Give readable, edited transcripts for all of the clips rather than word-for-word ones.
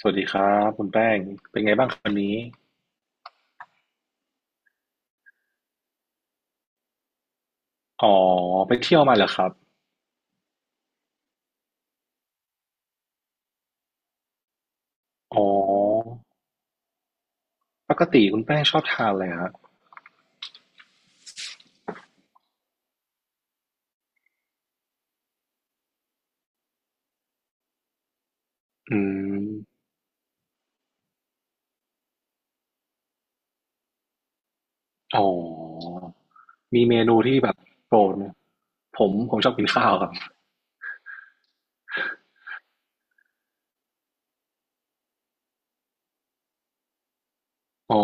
สวัสดีครับคุณแป้งเป็นไงบ้างครับวันนี้อ๋อไปเที่ยวมาเหรอครับอ๋อปกติคุณแป้งชอบทานอะไรฮะอืมอ๋อมีเมนูที่แบบโปรดไหมผมชอบกินข้าวครับอ๋อ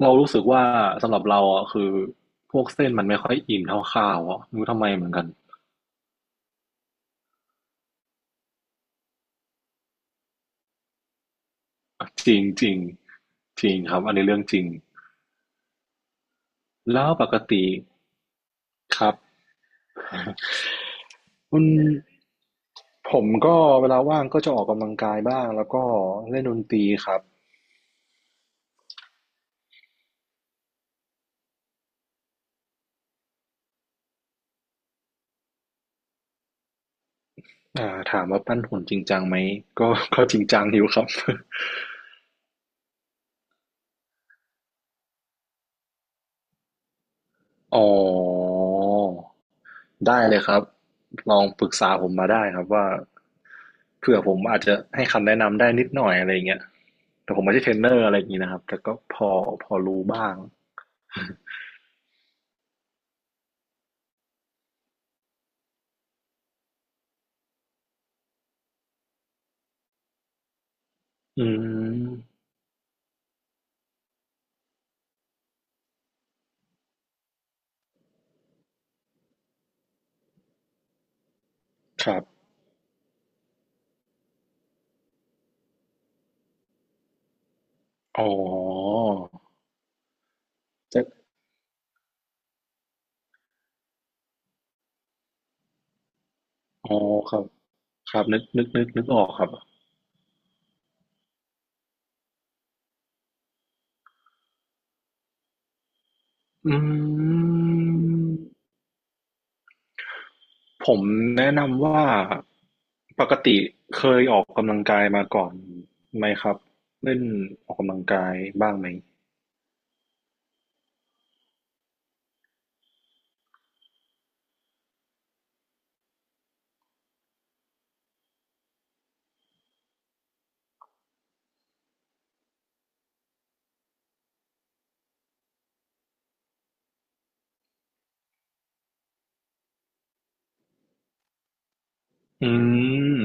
เรารู้สึกว่าสำหรับเราอ่ะคือพวกเส้นมันไม่ค่อยอิ่มเท่าข้าวอ่ะไม่รู้ทำไมเหมือนกันจริงจริงจริงครับอันนี้เรื่องจริงแล้วปกติครับคุณ ผมก็เวลาว่างก็จะออกกำลังกายบ้างแล้วก็เล่นดนตรีครับอ่าถามว่าปั้นหุ่นจริงจังไหมก็ ก็จริงจังอยู่ครับ อ๋อได้เลยครับลองปรึกษาผมมาได้ครับว่าเผื่อผมอาจจะให้คำแนะนำได้นิดหน่อยอะไรอย่างเงี้ยแต่ผมไม่ใช่เทรนเนอร์อะไรอย่างงี้นะครับแต่ก็พอพอรู้บ้างอืมครับอ๋อจะอ๋อครับครับนึกออกครับอืม ผมแนะนำว่าปกติเคยออกกำลังกายมาก่อนไหมครับเล่นออกกำลังกายบ้างไหมอืม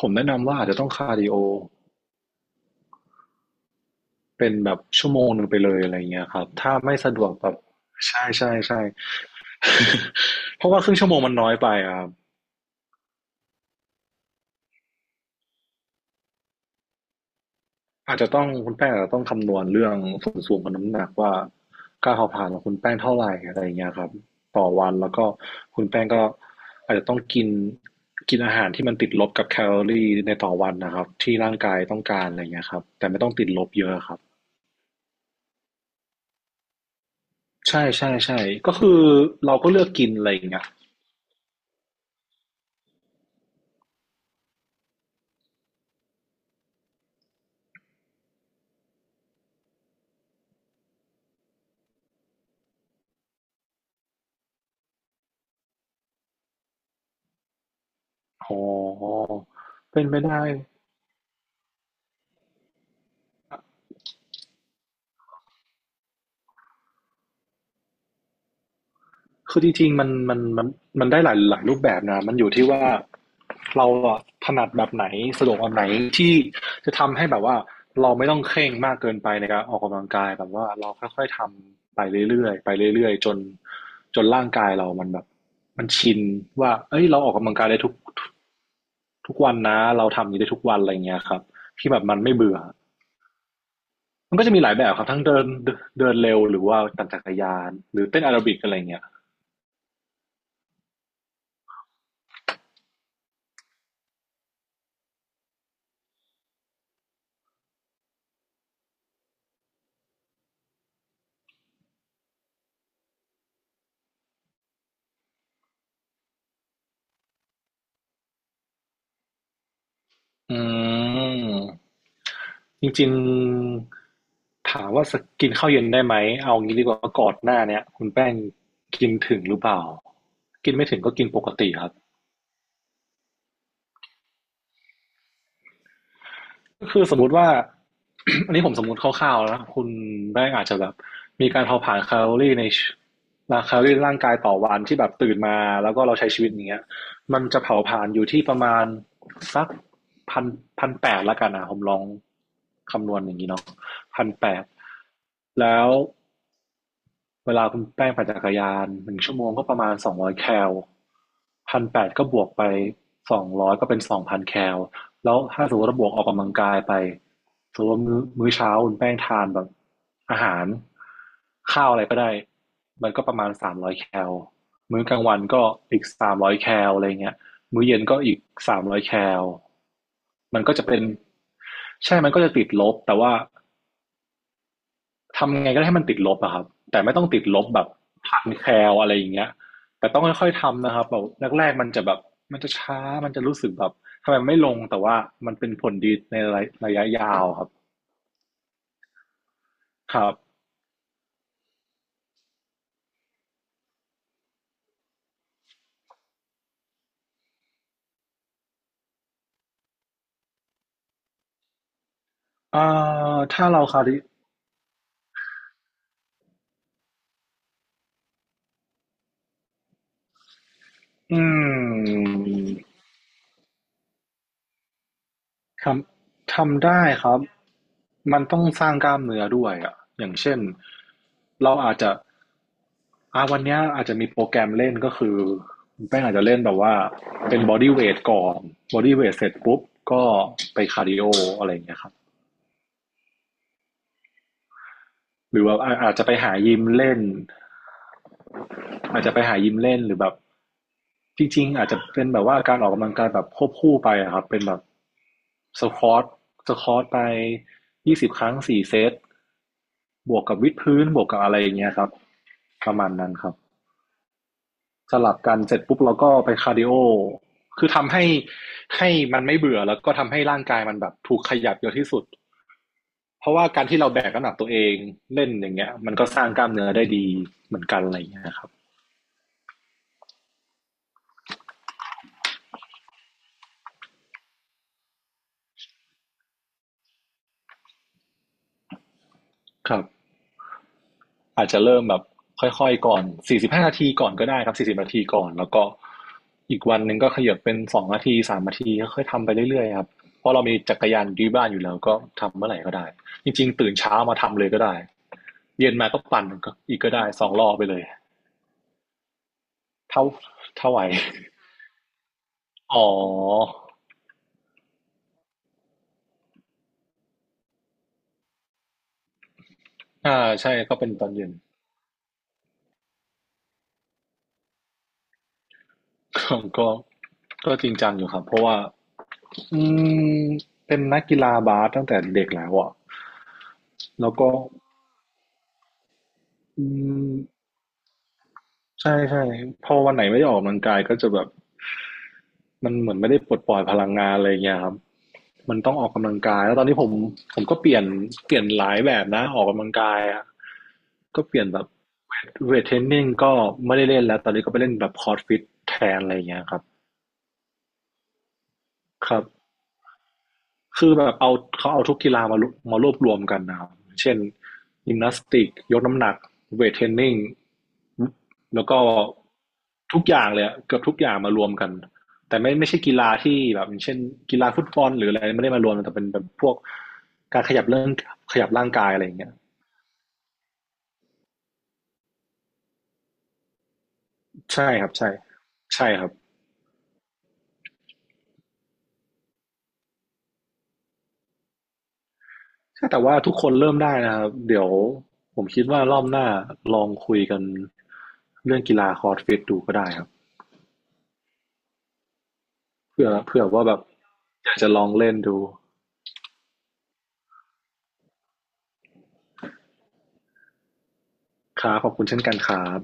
ผมแนะนำว่าอาจจะต้องคาร์ดิโอเป็นแบบ1 ชั่วโมงไปเลยอะไรเงี้ยครับถ้าไม่สะดวกแบบใช่ใช่ใช่ เพราะว่าครึ่งชั่วโมงมันน้อยไปอะครับ อาจจะต้องคุณแป้งอาจจะต้องคำนวณเรื่องส่วนสูงกับน้ำหนักว่าการเผาผลาญของคุณแป้งเท่าไหร่อะไรอย่างเงี้ยครับต่อวันแล้วก็คุณแป้งก็อาจจะต้องกินกินอาหารที่มันติดลบกับแคลอรี่ในต่อวันนะครับที่ร่างกายต้องการอะไรเงี้ยครับแต่ไม่ต้องติดลบเยอะครับใช่ใช่ใช่ก็คือเราก็เลือกกินอะไรอย่างเงี้ยอ๋อเป็นไม่ได้ คือจริงๆมันมันได้หลายหลายรูปแบบนะมันอยู่ที่ว่าเราถนัดแบบไหนสะดวกแบบไหนที่จะทำให้แบบว่าเราไม่ต้องเคร่งมากเกินไปในการออกกำลังกายแบบว่าเราค่อยๆทำไปเรื่อยๆไปเรื่อยๆจนจนร่างกายเรามันแบบมันชินว่าเอ้ยเราออกกำลังกายได้ทุกทุกวันนะเราทำอย่างนี้ได้ทุกวันอะไรเงี้ยครับที่แบบมันไม่เบื่อมันก็จะมีหลายแบบครับทั้งเดินเดินเร็วหรือว่าปั่นจักรยานหรือเต้นแอโรบิกอะไรเงี้ย อืมจริงๆถามว่าสกกินข้าวเย็นได้ไหมเอางี้ดีกว่าก่อนหน้าเนี้ยคุณแป้งกินถึงหรือเปล่ากินไม่ถึงก็กินปกติครับ ก็คือสมมติว่า อันนี้ผมสมมติคร่าวๆแล้วนะคุณแป้งอาจจะแบบมีการเผาผลาญแคลอรี่ในร่างกายต่อวันที่แบบตื่นมาแล้วก็เราใช้ชีวิตอย่างเงี้ยมันจะเผาผลาญอยู่ที่ประมาณสักพันพันแปดละกันนะผมลองคำนวณอย่างนี้เนาะพันแปดแล้ว เวลาคุณแป้งปั่นจักรยาน1 ชั่วโมงก็ประมาณสองร้อยแคลพันแปดก็บวกไปสองร้อยก็เป็น2,000แคลแล้วถ้าสมมติว่าบวกออกกำลังกายไปสมมติว่ามื้อเช้าคุณแป้งทานแบบอาหารข้าวอะไรก็ได้มันก็ประมาณสามร้อยแคลมื้อกลางวันก็อีกสามร้อยแคลอะไรเงี้ยมื้อเย็นก็อีกสามร้อยแคลมันก็จะเป็นใช่มันก็จะติดลบแต่ว่า ทำไงก็ได้ให้มันติดลบอะครับแต่ไม่ต้องติดลบแบบพันแคลอะไรอย่างเงี้ยแต่ต้องค่อยๆทำนะครับแบบแรกๆมันจะแบบมันจะช้ามันจะรู้สึกแบบทำไมไม่ลงแต่ว่ามันเป็นผลดีในระยะยาวครับครับเอ่ถ้าเราคาวีอืม ททำได้ครับมันต้องสร้างกล้ามเนื้อด้วยอะอย่างเช่นเราอาจจะอ่าวันเนี้ยอาจจะมีโปรแกรมเล่นก็คือแป้งอาจจะเล่นแบบว่าเป็นบอดี้เวทก่อนบอดี้เวทเสร็จปุ๊บก็ไปคาร์ดิโออะไรอย่างเงี้ยครับหรือว่าอาจจะไปหายิมเล่น อาจจะไปหายิมเล่นหรือแบบจริงๆอาจจะเป็นแบบว่าการออกกำลังกายแบบควบคู่ไปอะครับเป็นแบบสควอตสควอตไป20ครั้งสี่เซตบวกกับวิดพื้นบวกกับอะไรอย่างเงี้ยครับประมาณนั้นครับสลับกันเสร็จปุ๊บเราก็ไปคาร์ดิโอคือทำให้ให้มันไม่เบื่อแล้วก็ทำให้ร่างกายมันแบบถูกขยับเยอะที่สุดเพราะว่าการที่เราแบกน้ำหนักตัวเองเล่นอย่างเงี้ยมันก็สร้างกล้ามเนื้อได้ดีเหมือนกันอะไรอย่างเงี้ยครับครับ อาจจะเริ่มแบบค่อยๆก่อน45 นาทีก่อนก็ได้ครับ40 นาทีก่อนแล้วก็อีกวันหนึ่งก็ขยับเป็น2 นาที3 นาทีค่อยๆทำไปเรื่อยๆครับเพราะเรามีจักรยานอที่บ้านอยู่แล้วก็ทำเมื่อไหร่ก็ได้จริงๆตื่นเช้ามาทำเลยก็ได้เย็นมาก็ปั่นก็อีกก็ได้2 รอบไปเลยเท่าเท่าไหวอ๋ออ่าใช่ก็เป็นตอนเย็น ก็ก็จริงจังอยู่ครับเพราะว่าอืมเป็นนักกีฬาบาสตั้งแต่เด็กแล้วอะแล้วก็อืม ใช่ใช่พอวันไหนไม่ได้ออกกำลังกายก็จะแบบมันเหมือนไม่ได้ปลดปล่อยพลังงานอะไรอย่างเงี้ยครับมันต้องออกกำลังกายแล้วตอนนี้ผมก็เปลี่ยนหลายแบบนะออกกำลังกายอะก็เปลี่ยนแบบเวทเทรนนิ่งก็ไม่ได้เล่นแล้วตอนนี้ก็ไปเล่นแบบคอร์สฟิตแทนอะไรอย่างเงี้ยครับครับ คือแบบเอาเขาเอาทุกกีฬามารวบรวมกันนะครับเช่นยิมนาสติกยกน้ำหนักเวทเทรนนิ่งแล้วก็ทุกอย่างเลยอะเกือบทุกอย่างมารวมกันแต่ไม่ใช่กีฬาที่แบบเช่นกีฬาฟุตบอลหรืออะไรไม่ได้มารวมแต่เป็นแบบพวกการขยับเรื่องขยับร่างกายอะไรอย่างเงี้ยใช่ครับใช่ใช่ครับใช่แต่ว่าทุกคนเริ่มได้นะครับเดี๋ยวผมคิดว่ารอบหน้าลองคุยกันเรื่องกีฬาคอร์สฟิตดูก็ได้ครับ เผื่อว่าแบบอยากจะลองเล่นดูครับขอบคุณเช่นกันครับ